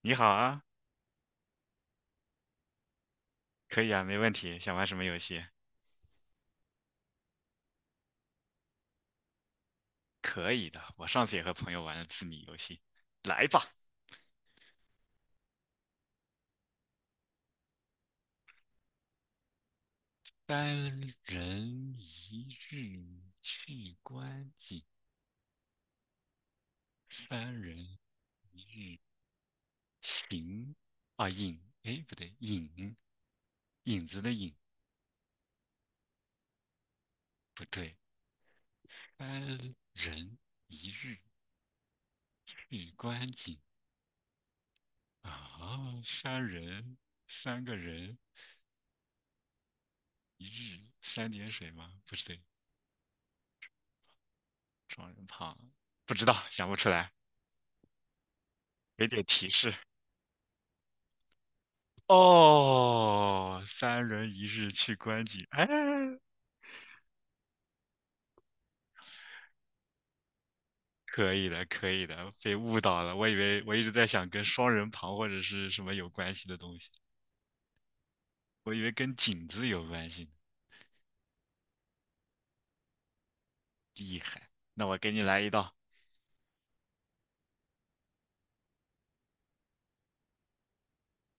你好啊，可以啊，没问题。想玩什么游戏？可以的，我上次也和朋友玩了字谜游戏。来吧，三人一日去观景，三人一日行啊影，哎不对，影影子的影不对，三人一日去观景啊，三人三个人一日三点水吗？不对，双人旁，不知道，想不出来。给点提示。哦，三人一日去观景，哎，可以的，可以的，被误导了。我以为我一直在想跟双人旁或者是什么有关系的东西，我以为跟景字有关系呢厉害，那我给你来一道，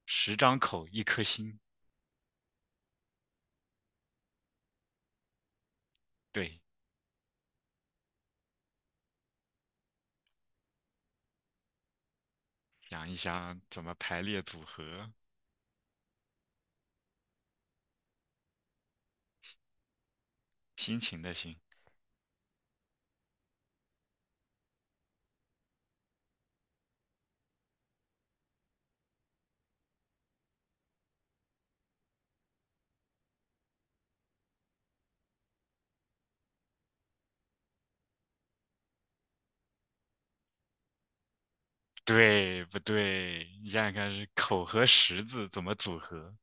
十张口，一颗心。对，想一想怎么排列组合，心情的心。对不对？你想想看，是口和十字怎么组合？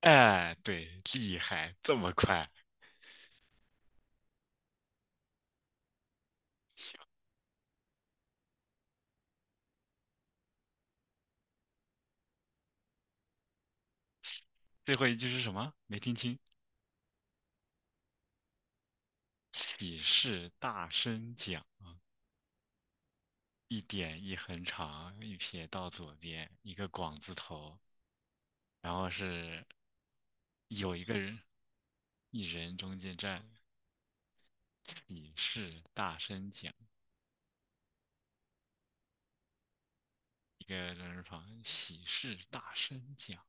哎，对，厉害，这么快。最后一句是什么？没听清。喜事大声讲，一点一横长，一撇到左边，一个广字头，然后是有一个人，一人中间站。喜事大声讲，一个人旁，喜事大声讲，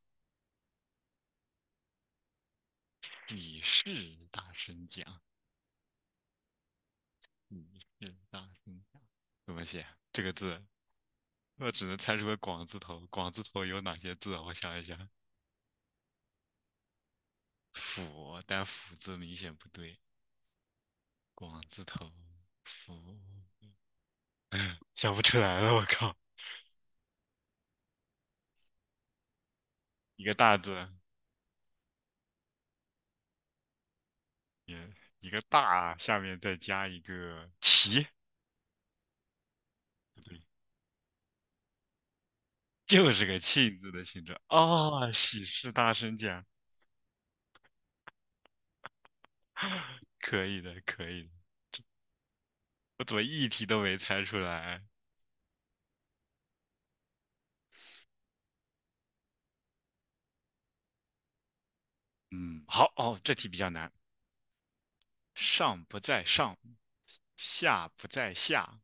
喜事大声讲，喜事大声讲。怎么写啊这个字？我只能猜出个广字头。广字头有哪些字啊我想一想，斧，但斧字明显不对。广字头福，想不出来了，我靠，一个大字，也一个大，下面再加一个齐，不对，就是个庆字的形状啊，喜事大声讲，可以的，可以的，我怎么一题都没猜出来？嗯，好，哦，这题比较难，上不在上，下不在下，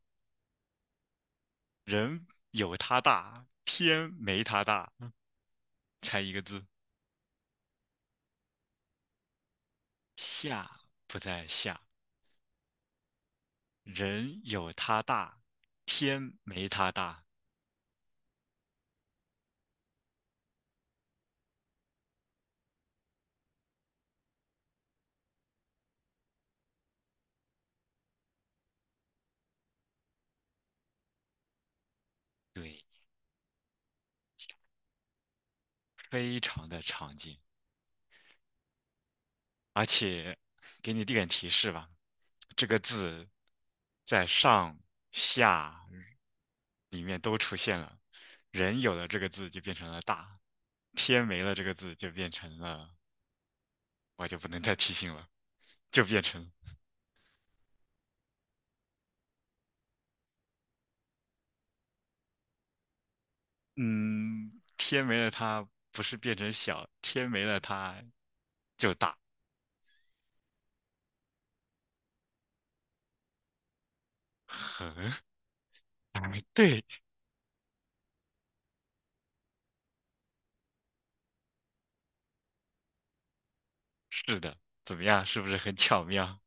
人有他大，天没他大，猜一个字，下不在下。人有它大，天没它大，对，非常的常见。而且给你点提示吧，这个字在上下里面都出现了。人有了这个字就变成了大，天没了这个字就变成了，我就不能再提醒了，就变成，嗯，天没了它不是变成小，天没了它就大，很，哎，对。是的，怎么样？是不是很巧妙？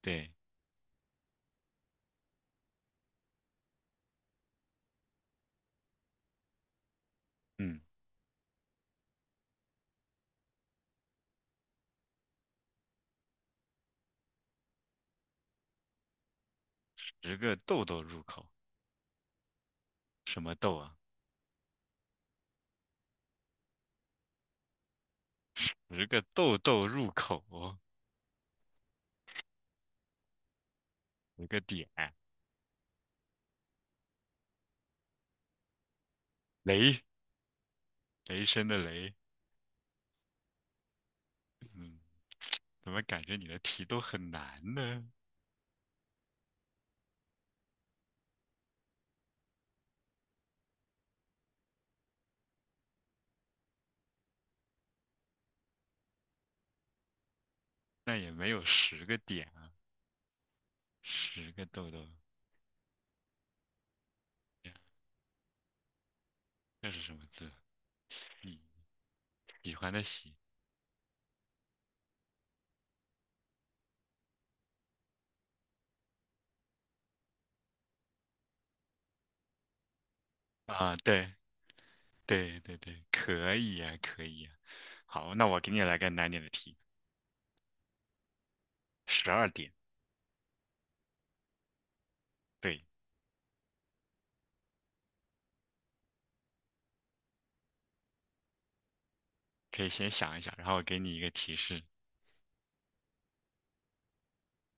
对，嗯，十个豆豆入口，什么豆啊？十个豆豆入口哦，十个点，雷，雷声的雷。嗯，怎么感觉你的题都很难呢？那也没有十个点啊，十个豆豆，这是什么字？嗯，喜欢的喜啊，对对对对，可以呀、可以呀、好，那我给你来个难点的题，十二点，对，可以先想一想，然后我给你一个提示。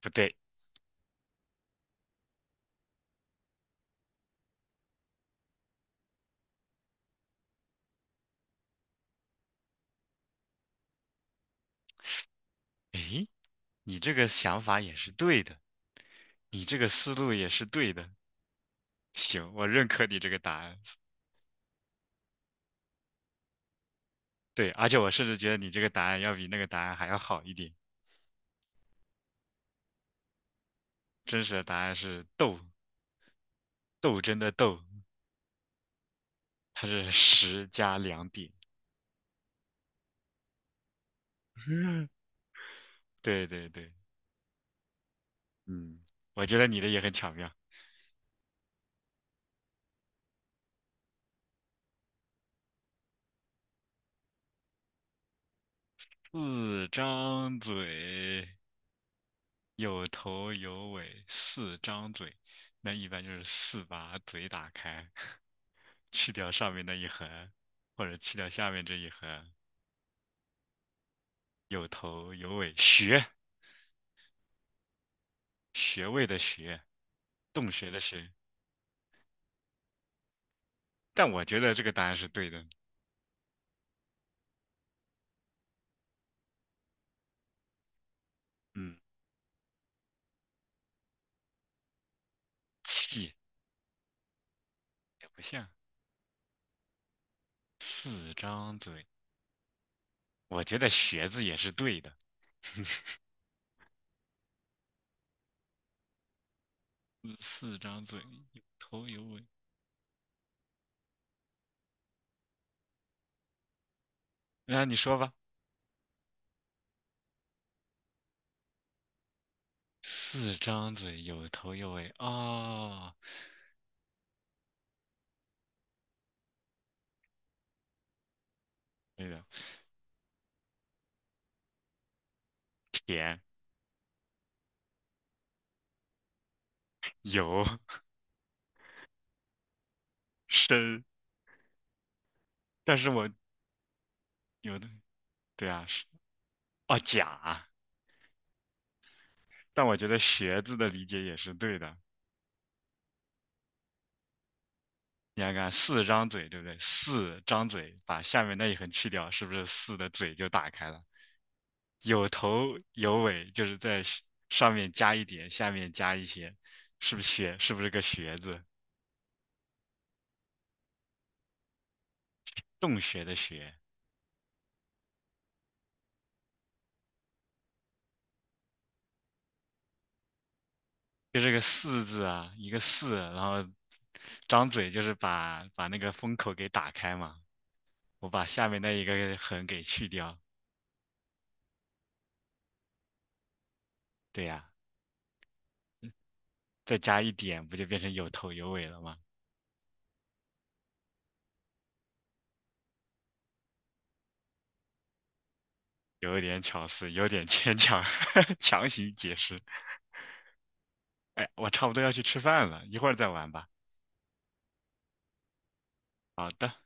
不对，诶，你这个想法也是对的，你这个思路也是对的。行，我认可你这个答案。对，而且我甚至觉得你这个答案要比那个答案还要好一点。真实的答案是斗，斗争的斗，它是十加两点。对对对，嗯，我觉得你的也很巧妙。四张嘴，有头有尾，四张嘴，那一般就是四把嘴打开。去掉上面那一横，或者去掉下面这一横，有头有尾，学学位的学，洞穴的穴。但我觉得这个答案是对的。嗯，气也不像，四张嘴，我觉得学字也是对的。四四张嘴，有头有尾。那你说吧。四张嘴，有头有尾。哦，对的，甜有 深，但是我有的对啊是哦甲。但我觉得学字的理解也是对的。你看看四张嘴，对不对？四张嘴，把下面那一横去掉，是不是四的嘴就打开了？有头有尾，就是在下上面加一点，下面加一些，是不是学？是不是个学字？洞穴的穴，就是个四字啊，一个四，然后张嘴就是把把那个封口给打开嘛。我把下面那一个横给去掉，对呀，再加一点，不就变成有头有尾了吗？有点巧思，有点牵强，强行解释。哎，我差不多要去吃饭了，一会儿再玩吧。好的。